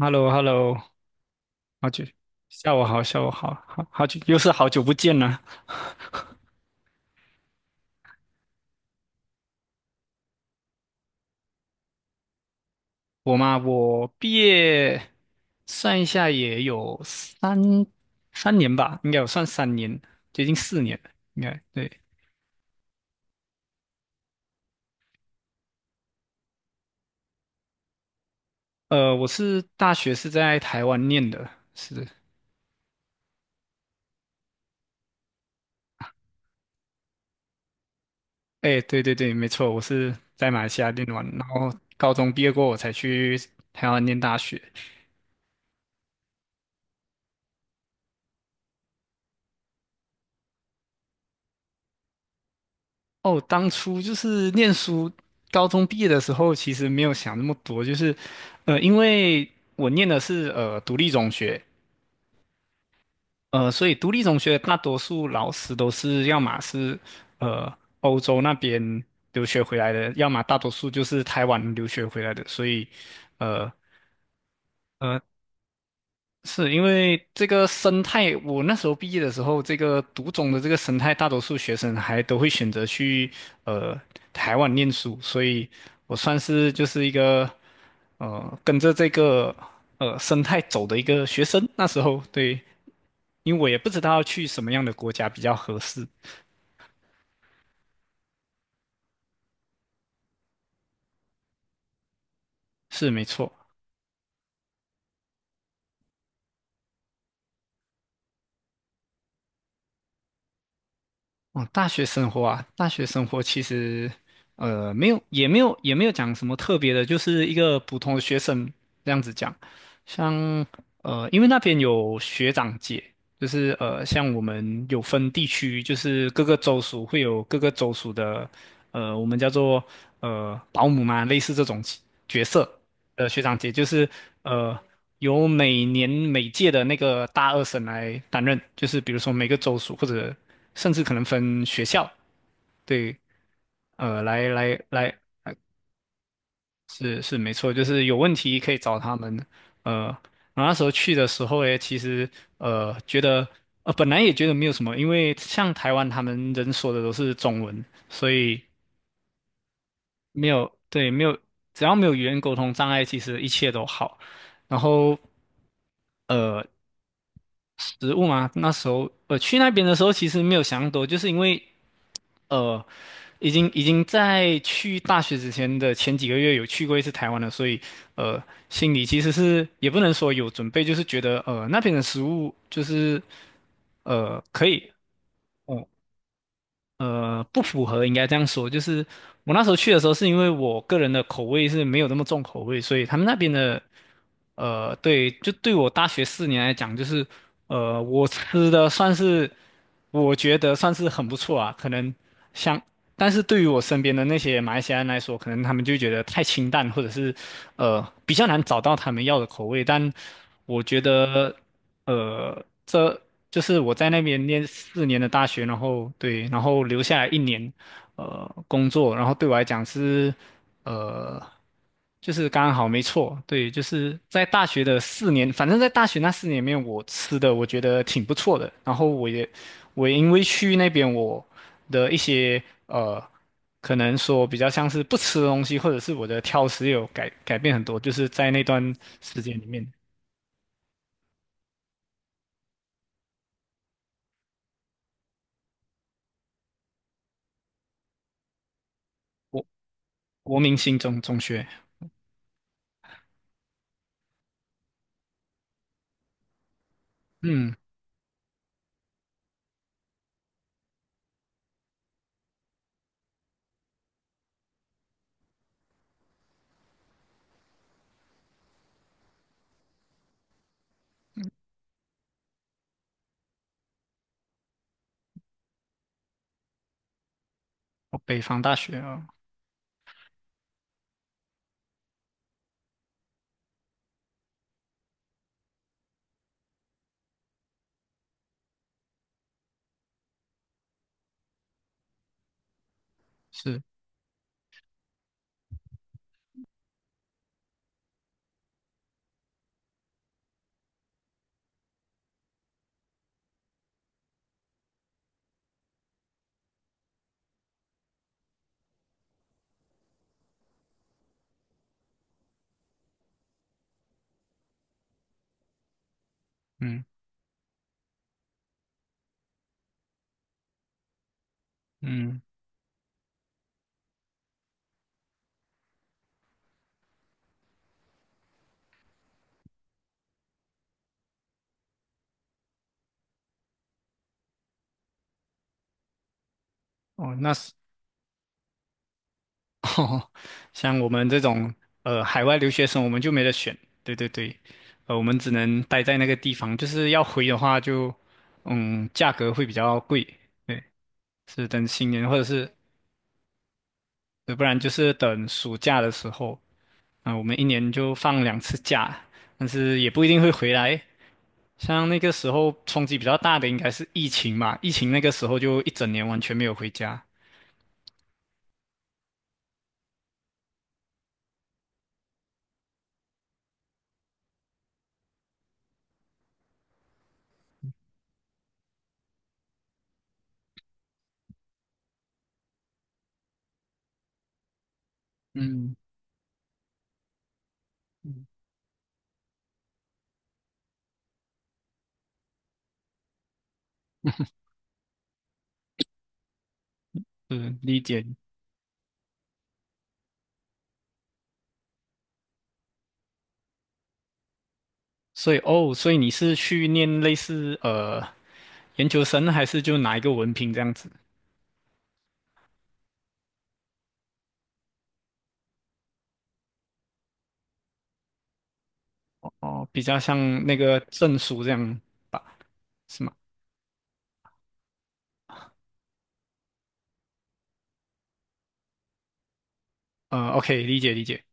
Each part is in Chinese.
h e l l o h e l l o 好久，下午好，下午好，好久，又是好久不见了。我嘛，我毕业算一下也有三年吧，应该有算三年，接近四年了，应该对。我是大学是在台湾念的。是。哎，对对对，没错，我是在马来西亚念完，然后高中毕业过，我才去台湾念大学。哦，当初就是念书。高中毕业的时候，其实没有想那么多，就是，因为我念的是独立中学。所以独立中学大多数老师都是要么是呃欧洲那边留学回来的，要么大多数就是台湾留学回来的，所以，呃。呃是因为这个生态，我那时候毕业的时候，这个读中的这个生态，大多数学生还都会选择去呃台湾念书，所以我算是就是一个跟着这个生态走的一个学生。那时候对。因为我也不知道去什么样的国家比较合适。是没错。哦，大学生活啊，大学生活其实，没有，也没有，也没有讲什么特别的，就是一个普通的学生，这样子讲。像，因为那边有学长姐。就是像我们有分地区，就是各个州属会有各个州属的。我们叫做保姆嘛，类似这种角色。学长姐，就是呃由每年每届的那个大二审来担任，就是比如说每个州属或者甚至可能分学校。对。来来来。是没错，就是有问题可以找他们。呃，然后那时候去的时候诶，其实觉得本来也觉得没有什么，因为像台湾他们人说的都是中文，所以没有，对，没有。只要没有语言沟通障碍，其实一切都好。然后，呃，食物嘛，那时候去那边的时候，其实没有想那么多，就是因为呃已经在去大学之前的前几个月有去过1次台湾了，所以呃心里其实是也不能说有准备，就是觉得那边的食物就是可以。哦不符合，应该这样说。就是我那时候去的时候，是因为我个人的口味是没有那么重口味，所以他们那边的，对，就对我大学四年来讲，就是我吃的算是我觉得算是很不错啊，可能像，但是对于我身边的那些马来西亚人来说，可能他们就觉得太清淡，或者是比较难找到他们要的口味，但我觉得。这就是我在那边念四年的大学，然后对，然后留下来一年。工作。然后对我来讲是，呃，就是刚好没错，对，就是在大学的四年，反正在大学那四年里面，我吃的我觉得挺不错的，然后我也因为去那边我的一些呃。可能说比较像是不吃的东西，或者是我的挑食有改变很多，就是在那段时间里面。国国民性中学。嗯。哦，北方大学哦。是。嗯嗯。哦，那是 哦，像我们这种海外留学生，我们就没得选。对对对。我们只能待在那个地方，就是要回的话就，嗯，价格会比较贵。对。是等新年或者是，不然就是等暑假的时候。啊，我们一年就放2次假，但是也不一定会回来。像那个时候冲击比较大的应该是疫情嘛，疫情那个时候就一整年完全没有回家。嗯嗯。是理解。所以哦，所以你是去念类似研究生，还是就拿一个文凭这样子？哦，比较像那个证书这样吧，是吗？OK，理解理解。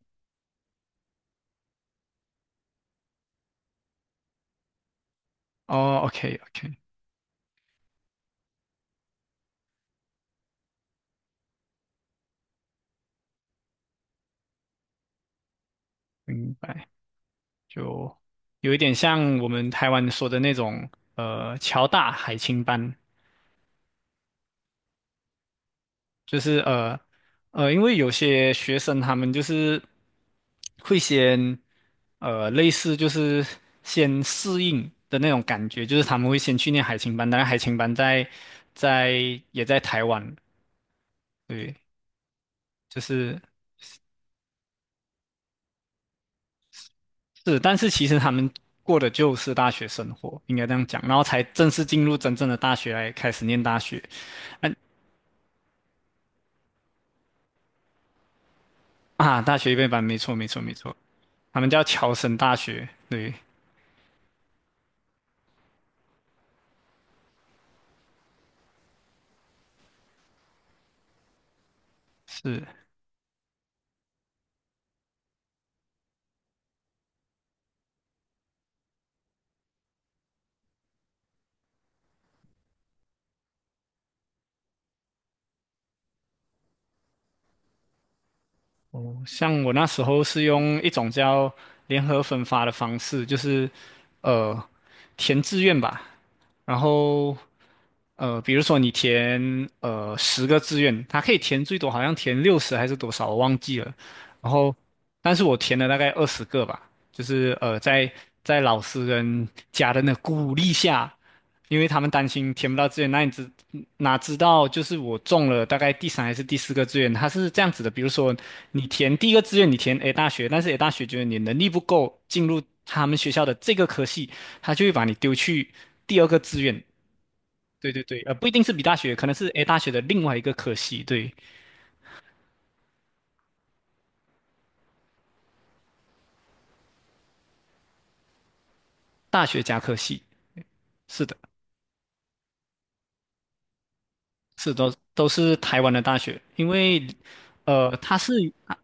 哦，OK，OK，明白。就有一点像我们台湾说的那种侨大海青班。就是因为有些学生他们就是会先类似就是先适应的那种感觉，就是他们会先去念海青班。当然海青班在在也在台湾。对。就是，但是其实他们过的就是大学生活，应该这样讲，然后才正式进入真正的大学来开始念大学。啊啊，大学预备班，没错没错没错。他们叫侨生大学。对。是。哦，像我那时候是用一种叫联合分发的方式，就是呃填志愿吧，然后比如说你填10个志愿，它可以填最多好像填60还是多少我忘记了，然后但是我填了大概20个吧，就是在老师跟家人的鼓励下。因为他们担心填不到志愿，那你知哪知道就是我中了大概第三还是第四个志愿，它是这样子的，比如说你填第一个志愿，你填 A 大学，但是 A 大学觉得你能力不够进入他们学校的这个科系，他就会把你丢去第二个志愿。对对对。不一定是 B 大学，可能是 A 大学的另外一个科系。对。大学加科系，是的。是都是台湾的大学。因为他是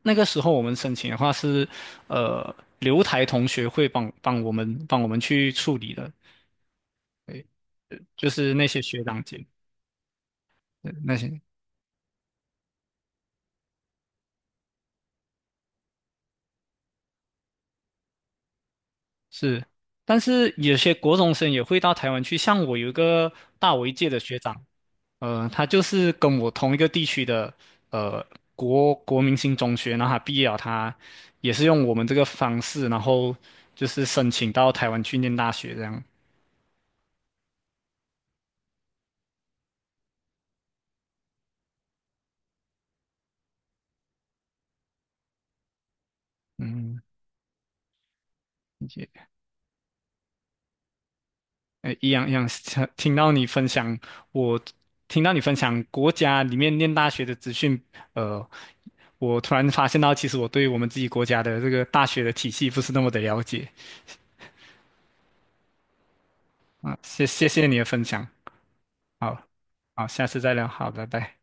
那个时候我们申请的话是呃留台同学会帮我们去处理的，就是那些学长姐。对那些是。但是有些国中生也会到台湾去，像我有一个大我一届的学长。他就是跟我同一个地区的呃国民型中学，然后他毕业了，他也是用我们这个方式，然后就是申请到台湾去念大学这样。嗯。也。哎，一样一样，听到你分享。我听到你分享国家里面念大学的资讯。呃，我突然发现到，其实我对我们自己国家的这个大学的体系不是那么的了解啊。谢谢你的分享。好。好，下次再聊。好，拜拜。